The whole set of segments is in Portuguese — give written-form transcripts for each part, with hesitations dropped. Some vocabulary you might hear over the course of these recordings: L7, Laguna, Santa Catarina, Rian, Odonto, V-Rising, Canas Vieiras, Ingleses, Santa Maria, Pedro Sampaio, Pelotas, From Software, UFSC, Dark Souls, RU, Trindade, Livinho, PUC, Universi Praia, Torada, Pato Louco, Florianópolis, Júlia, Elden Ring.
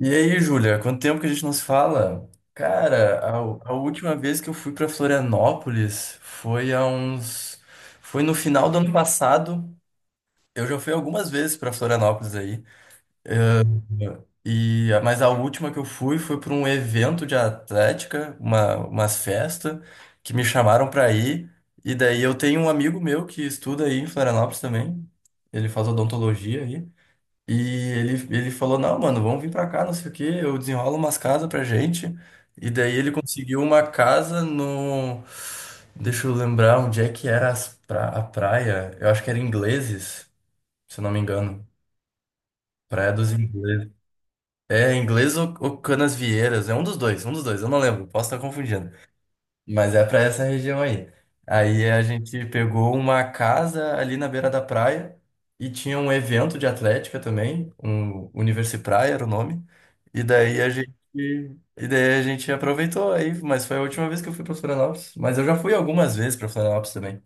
E aí, Júlia, quanto tempo que a gente não se fala? Cara, a última vez que eu fui para Florianópolis foi há uns. Foi no final do ano passado. Eu já fui algumas vezes para Florianópolis aí. E, mas a última que eu fui foi para um evento de atlética, umas festas, que me chamaram para ir. E daí eu tenho um amigo meu que estuda aí em Florianópolis também. Ele faz odontologia aí. E ele falou, não, mano, vamos vir pra cá, não sei o quê, eu desenrolo umas casas pra gente. E daí ele conseguiu uma casa no... Deixa eu lembrar onde é que era a praia. Eu acho que era Ingleses, se eu não me engano. Praia dos Ingleses. É, Inglês ou Canas Vieiras. É um dos dois, eu não lembro, posso estar confundindo. Mas é para essa região aí. Aí a gente pegou uma casa ali na beira da praia e tinha um evento de atlética também, um Universi Praia era o nome. E daí a gente e daí a gente aproveitou aí, mas foi a última vez que eu fui para Florianópolis, mas eu já fui algumas vezes para Florianópolis também.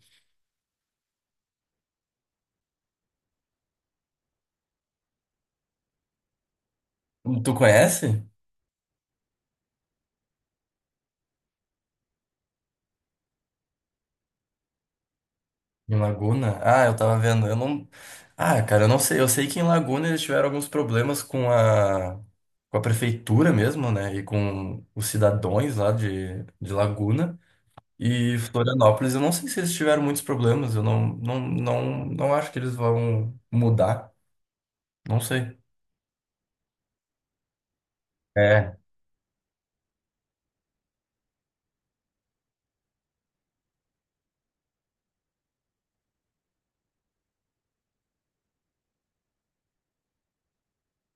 Tu conhece? Em Laguna? Ah, eu tava vendo. Eu não. Ah, cara, eu não sei. Eu sei que em Laguna eles tiveram alguns problemas com a prefeitura mesmo, né? E com os cidadãos lá de Laguna. E Florianópolis, eu não sei se eles tiveram muitos problemas. Eu não acho que eles vão mudar. Não sei. É.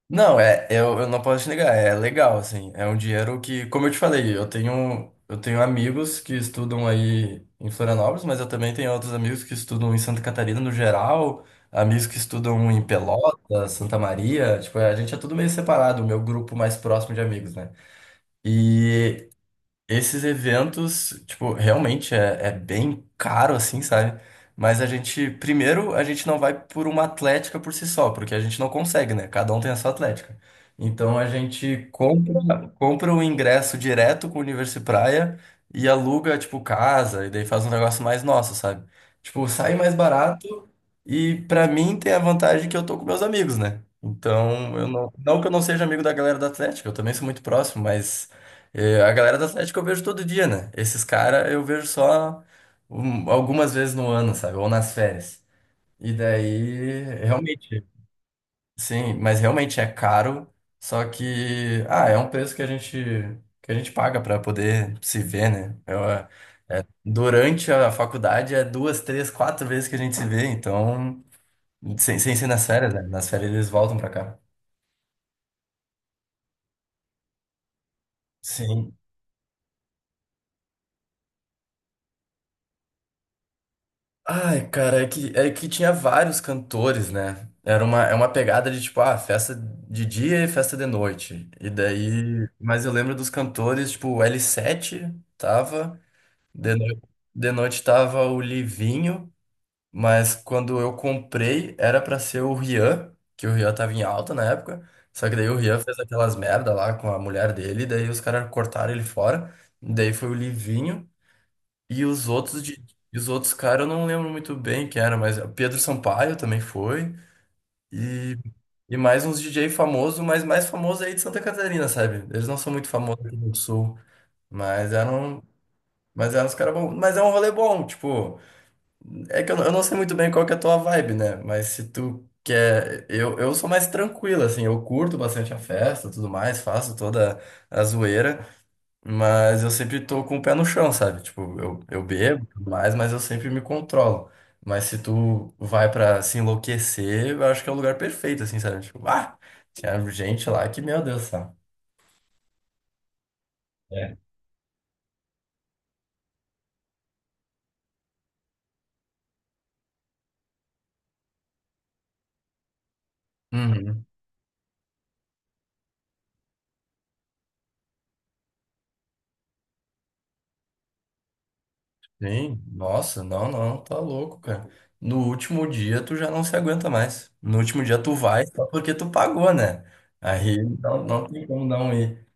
Não, é, eu não posso te negar, é legal, assim, é um dinheiro que, como eu te falei, eu tenho amigos que estudam aí em Florianópolis, mas eu também tenho outros amigos que estudam em Santa Catarina no geral, amigos que estudam em Pelotas, Santa Maria, tipo, a gente é tudo meio separado, o meu grupo mais próximo de amigos, né? E esses eventos, tipo, realmente é bem caro, assim, sabe? Mas a gente, primeiro, a gente não vai por uma atlética por si só, porque a gente não consegue, né? Cada um tem a sua atlética. Então a gente compra o ingresso direto com o Universo Praia e aluga, tipo, casa, e daí faz um negócio mais nosso, sabe? Tipo, sai mais barato e pra mim tem a vantagem que eu tô com meus amigos, né? Então, eu não, não que eu não seja amigo da galera da Atlética, eu também sou muito próximo, mas. É, a galera do Atlético eu vejo todo dia, né? Esses caras eu vejo só algumas vezes no ano, sabe? Ou nas férias. E daí, realmente, sim, mas realmente é caro, só que, ah, é um preço que a gente paga pra poder se ver, né? Durante a faculdade é duas, três, quatro vezes que a gente se vê, então, sem ser nas férias, né? Nas férias eles voltam pra cá. Sim. Ai, cara, é que tinha vários cantores, né? É uma pegada de tipo, ah, festa de dia e festa de noite. E daí. Mas eu lembro dos cantores, tipo, o L7 tava, de, no- de noite tava o Livinho, mas quando eu comprei era pra ser o Rian, que o Rian tava em alta na época. Só que daí o Rian fez aquelas merda lá com a mulher dele, daí os caras cortaram ele fora. Daí foi o Livinho. E os outros de, e os outros caras eu não lembro muito bem quem era, mas o Pedro Sampaio também foi. E, e mais uns DJ famosos, mas mais famoso aí de Santa Catarina, sabe? Eles não são muito famosos aqui no sul, mas eram, mas eram os caras bons. Mas é um rolê bom, tipo, é que eu não sei muito bem qual que é a tua vibe, né? Mas se tu quer, eu sou mais tranquilo, assim, eu curto bastante a festa, tudo mais, faço toda a zoeira. Mas eu sempre tô com o pé no chão, sabe? Tipo, eu bebo e tudo mais, mas eu sempre me controlo. Mas se tu vai pra se enlouquecer, eu acho que é o lugar perfeito, assim, sabe? Tipo, ah, tinha gente lá que, meu Deus, sabe? É. Uhum. Sim, nossa, não, não, tá louco, cara. No último dia tu já não se aguenta mais. No último dia tu vai só porque tu pagou, né? Aí não, não tem como não ir.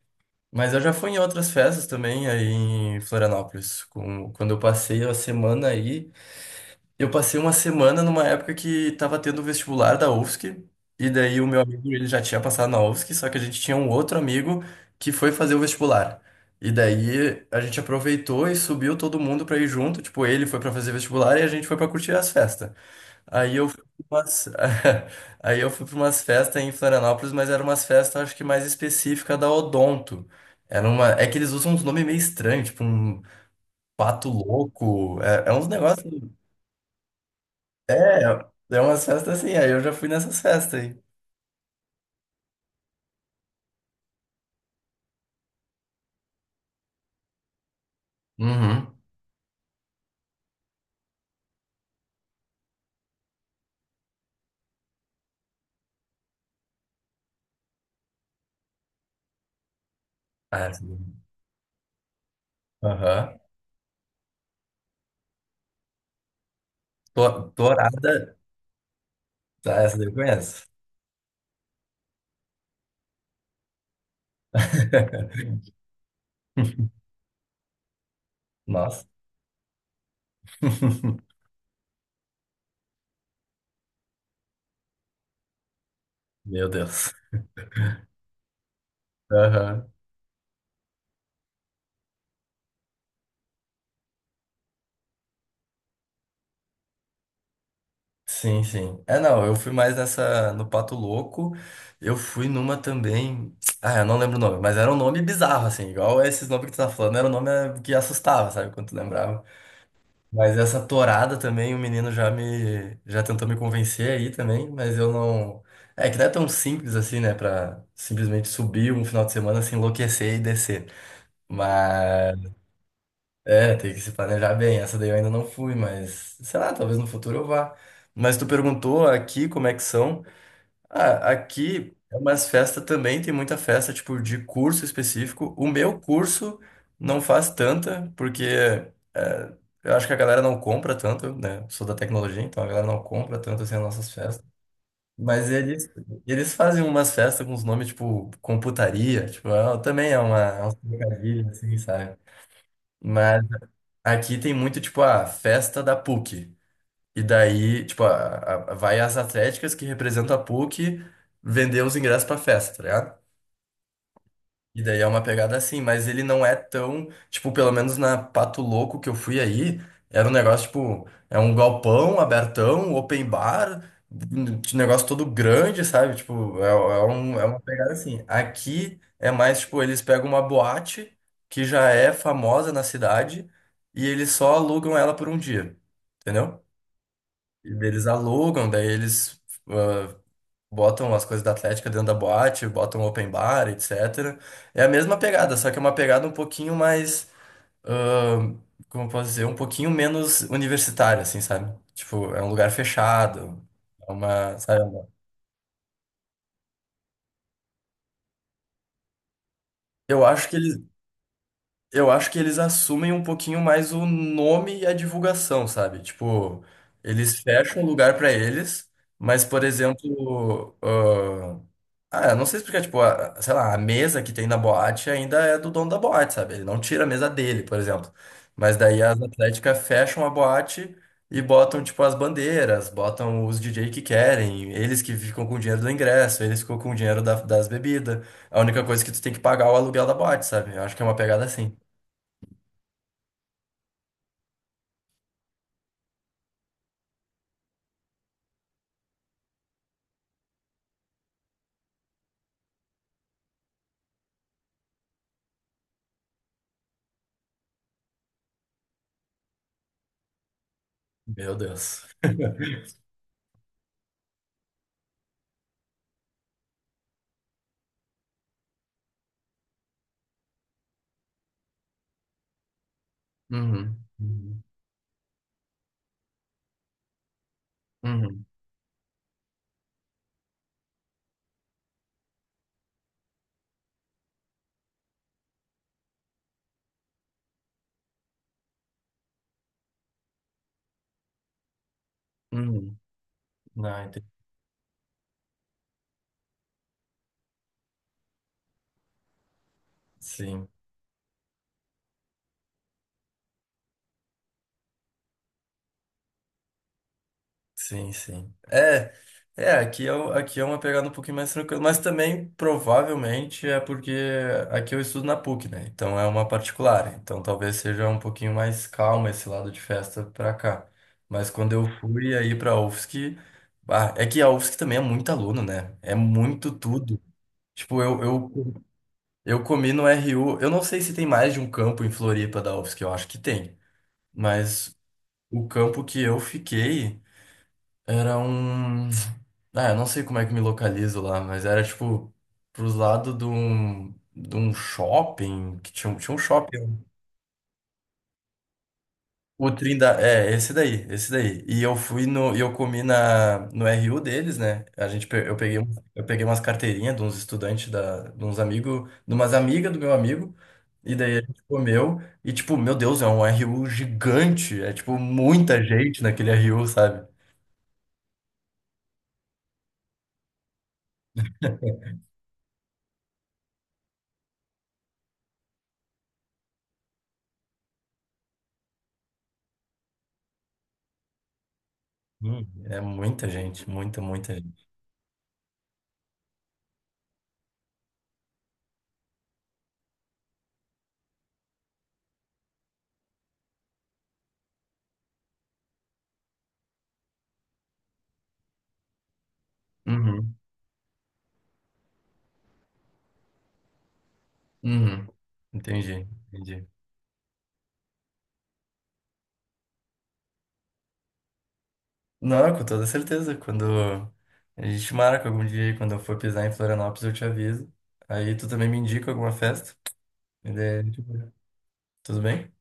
Mas eu já fui em outras festas também aí em Florianópolis. Quando eu passei a semana aí. Eu passei uma semana numa época que tava tendo o vestibular da UFSC, e daí o meu amigo ele já tinha passado na UFSC, só que a gente tinha um outro amigo que foi fazer o vestibular. E daí a gente aproveitou e subiu todo mundo pra ir junto, tipo, ele foi pra fazer vestibular e a gente foi pra curtir as festas. Aí eu fui pra umas... aí eu fui para umas festas em Florianópolis, mas eram umas festas acho que mais específicas da Odonto. Era uma... É que eles usam uns nomes meio estranhos, tipo um pato louco, é uns negócios é, é umas festas assim, aí eu já fui nessas festas aí. Uhum. Ah, essa daí. Aham. Torada. Tá, essa daí eu conheço. Nossa. Meu Deus. Aham. Sim, sim. É, não, eu fui mais nessa, no Pato Louco. Eu fui numa também. Ah, eu não lembro o nome, mas era um nome bizarro, assim, igual esses nomes que tu tá falando, era um nome que assustava, sabe? Quando tu lembrava. Mas essa torada também, o menino já já tentou me convencer aí também, mas eu não. É que não é tão simples assim, né? Pra simplesmente subir um final de semana, se enlouquecer e descer. Mas é, tem que se planejar bem. Essa daí eu ainda não fui, mas sei lá, talvez no futuro eu vá. Mas tu perguntou aqui como é que são. Ah, aqui é umas festas também, tem muita festa, tipo, de curso específico. O meu curso não faz tanta, porque eh, eu acho que a galera não compra tanto, né? Sou da tecnologia, então a galera não compra tanto assim as nossas festas. Mas eles fazem umas festas com os nomes, tipo, computaria, tipo, também é um trocadilho, assim, sabe? Mas aqui tem muito, tipo, a festa da PUC. E daí, tipo, vai as atléticas que representam a PUC vender os ingressos pra festa, tá ligado? E daí é uma pegada assim, mas ele não é tão, tipo, pelo menos na Pato Louco que eu fui aí, era um negócio, tipo, é um galpão abertão, open bar, um negócio todo grande, sabe? Tipo, é uma pegada assim. Aqui é mais, tipo, eles pegam uma boate que já é famosa na cidade e eles só alugam ela por um dia, entendeu? Eles alugam, daí eles ah, botam as coisas da Atlética dentro da boate, botam open bar, etc. É a mesma pegada, só que é uma pegada um pouquinho mais, ah, como eu posso dizer, um pouquinho menos universitária, assim, sabe? Tipo, é um lugar fechado, é uma, sabe? Eu acho que eles, eu acho que eles assumem um pouquinho mais o nome e a divulgação, sabe? Tipo, eles fecham o lugar pra eles, mas, por exemplo, eu não sei explicar, tipo, sei lá, a mesa que tem na boate ainda é do dono da boate, sabe? Ele não tira a mesa dele, por exemplo. Mas daí as atléticas fecham a boate e botam, tipo, as bandeiras, botam os DJ que querem, eles que ficam com o dinheiro do ingresso, eles ficam com o dinheiro das bebidas. A única coisa é que tu tem que pagar é o aluguel da boate, sabe? Eu acho que é uma pegada assim. Meu Deus. Uhum. Uhum. Uhum. Uhum. Não, entendi. Sim. Sim, sim. É, aqui é uma pegada um pouquinho mais tranquila, mas também provavelmente é porque aqui eu estudo na PUC, né? Então é uma particular, então talvez seja um pouquinho mais calma esse lado de festa pra cá. Mas quando eu fui aí pra UFSC, ah, é que a UFSC também é muito aluno, né? É muito tudo. Tipo, eu comi no RU, eu não sei se tem mais de um campo em Floripa da UFSC, eu acho que tem, mas o campo que eu fiquei. Era um. Ah, eu não sei como é que me localizo lá, mas era tipo pros lados de um shopping, que tinha, tinha um shopping. O Trindade, é, esse daí, esse daí. Eu comi no RU deles, né? A gente, pe- eu peguei, um- eu peguei umas carteirinhas de uns estudantes, de uns amigos, de umas amigas do meu amigo, e daí a gente comeu, e tipo, meu Deus, é um RU gigante, é tipo muita gente naquele RU, sabe? Hum. É muita gente, muita, muita gente. Uhum. Entendi, entendi. Não, com toda certeza. Quando a gente marca algum dia, aí, quando eu for pisar em Florianópolis, eu te aviso. Aí tu também me indica alguma festa. E daí, a gente vai. Tudo bem?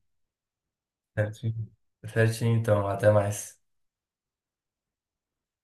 Certinho. Certinho, então. Até mais.